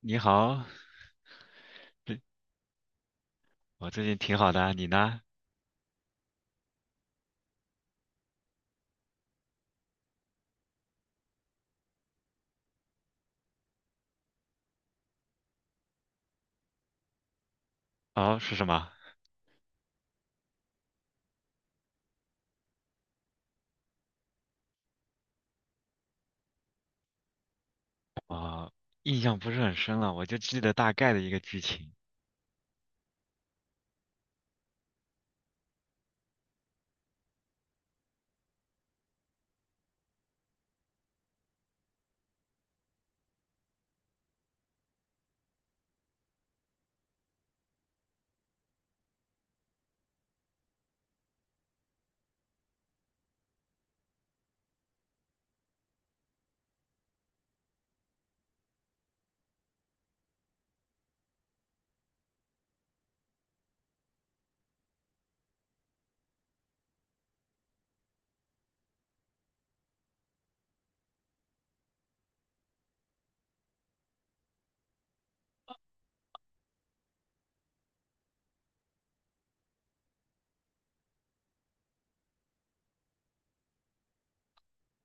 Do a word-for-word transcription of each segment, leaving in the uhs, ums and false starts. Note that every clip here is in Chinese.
你好。对，我最近挺好的啊，你呢？哦，是什么？哦，印象不是很深了，我就记得大概的一个剧情。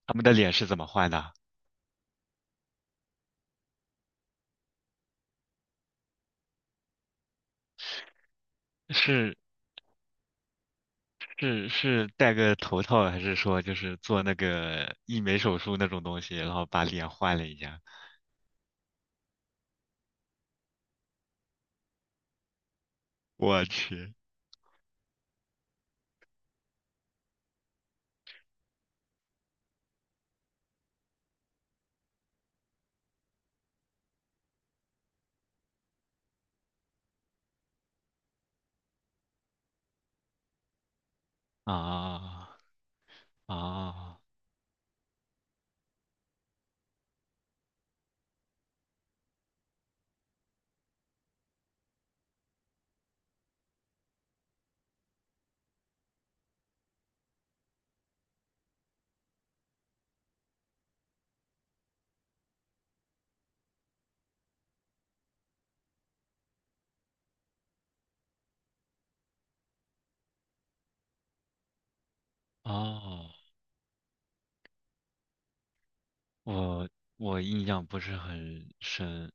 他们的脸是怎么换的？是是是戴个头套，还是说就是做那个医美手术那种东西，然后把脸换了一下？我去。啊啊。哦，哦我我印象不是很深，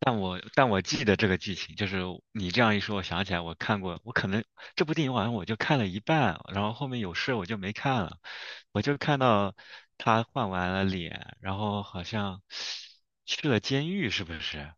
但我但我记得这个剧情，就是你这样一说，我想起来我看过，我可能这部电影好像我就看了一半，然后后面有事我就没看了，我就看到他换完了脸，然后好像去了监狱，是不是？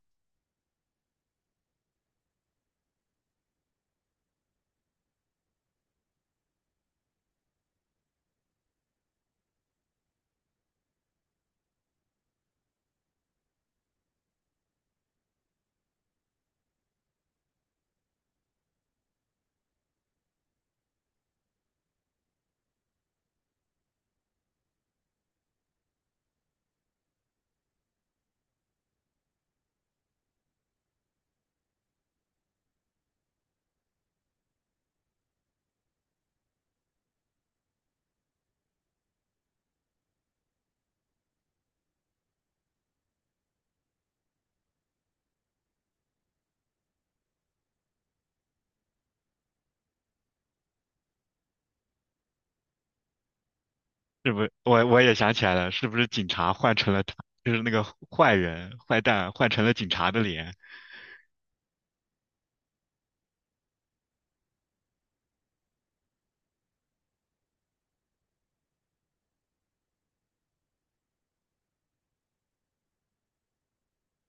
是不是？我我也想起来了，是不是警察换成了他，就是那个坏人坏蛋换成了警察的脸？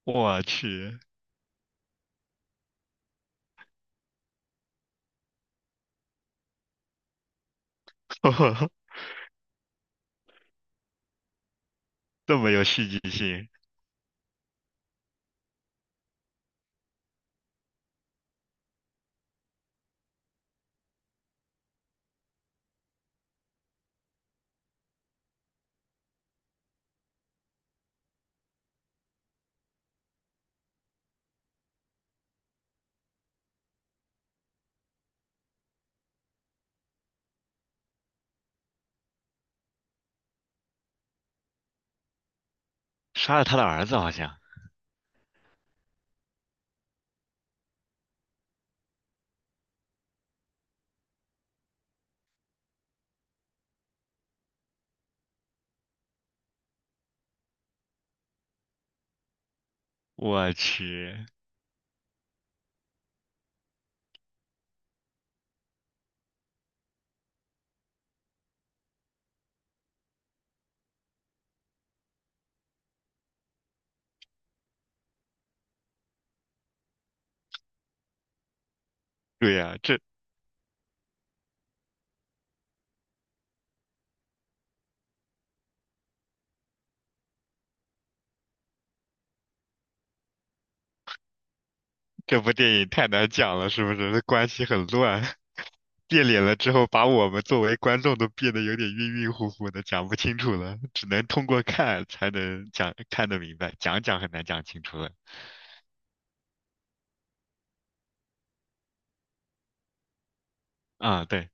我去。这么有戏剧性。杀了他的儿子好像。我去。对呀、这。这部电影太难讲了，是不是？关系很乱。变脸了之后，把我们作为观众都变得有点晕晕乎乎的，讲不清楚了，只能通过看才能讲，看得明白，讲讲很难讲清楚了。啊，对。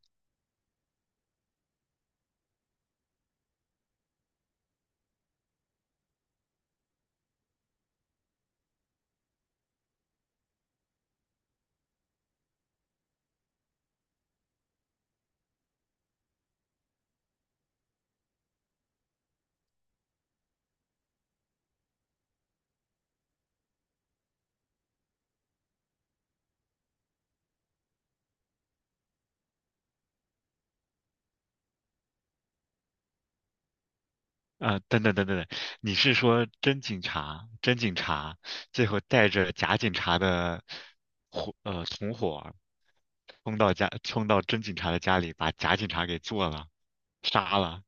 啊，等等等等等，你是说真警察，真警察最后带着假警察的伙，呃，同伙儿冲到家，冲到真警察的家里，把假警察给做了，杀了。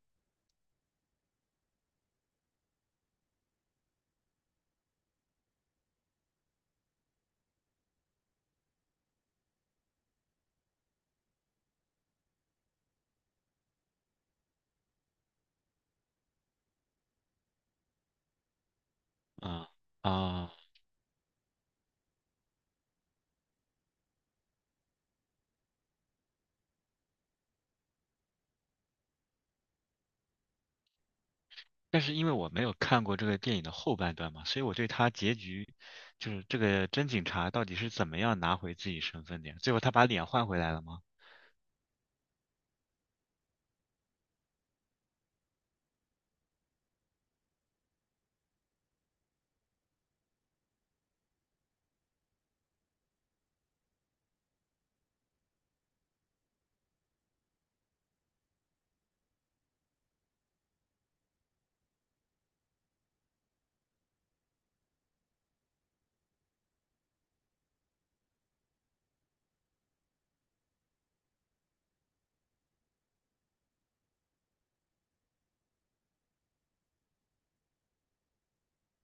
啊。啊！但是因为我没有看过这个电影的后半段嘛，所以我对他结局，就是这个真警察到底是怎么样拿回自己身份的呀？最后他把脸换回来了吗？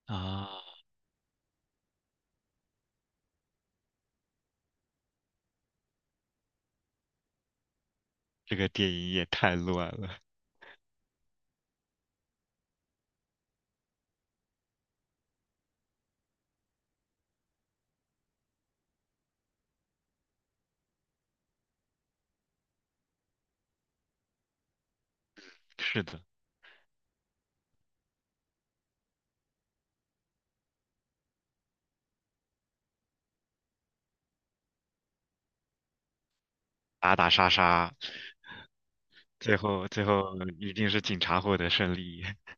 啊，这个电影也太乱了。是的。打打杀杀。最后最后一定是警察获得胜利。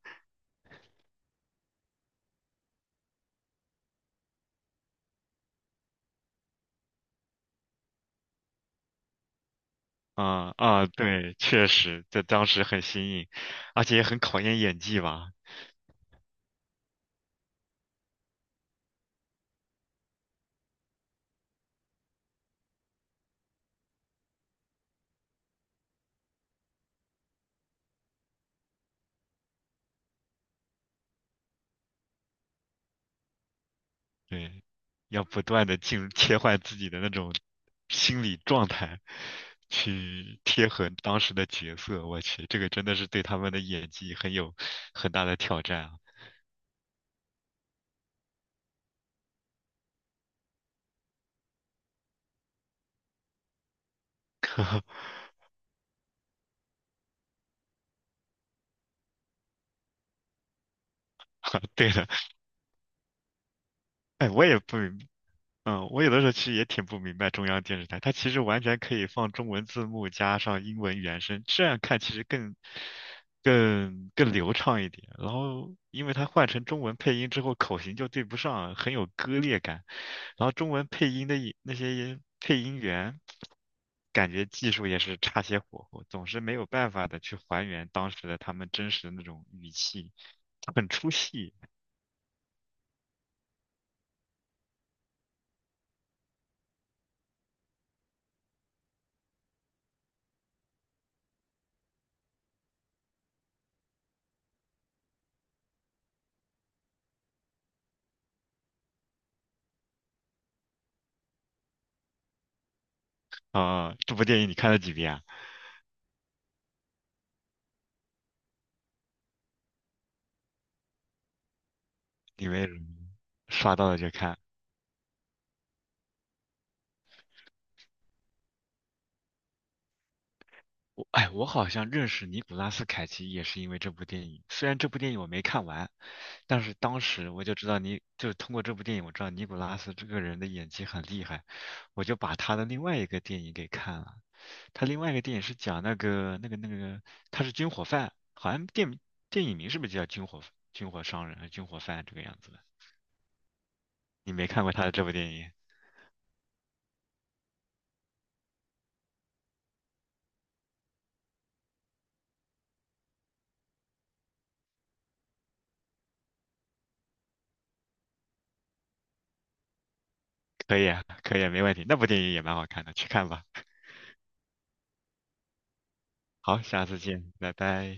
啊啊，对，确实，这当时很新颖，而且也很考验演技吧。对，要不断的进入切换自己的那种心理状态，去贴合当时的角色。我去，这个真的是对他们的演技很有很大的挑战啊！对的。哎，我也不明嗯，我有的时候其实也挺不明白中央电视台，它其实完全可以放中文字幕加上英文原声，这样看其实更更更流畅一点。然后，因为它换成中文配音之后，口型就对不上，很有割裂感。然后中文配音的也那些配音员，感觉技术也是差些火候，总是没有办法的去还原当时的他们真实的那种语气，很出戏。啊，这部电影你看了几遍啊？李维鲁刷到了就看。我哎，我好像认识尼古拉斯凯奇也是因为这部电影。虽然这部电影我没看完，但是当时我就知道尼，就是通过这部电影我知道尼古拉斯这个人的演技很厉害，我就把他的另外一个电影给看了。他另外一个电影是讲那个那个那个，他是军火贩，好像电电影名是不是就叫军火军火商人、军火贩这个样子的？你没看过他的这部电影？可以啊，可以啊，没问题。那部电影也蛮好看的，去看吧。好，下次见，拜拜。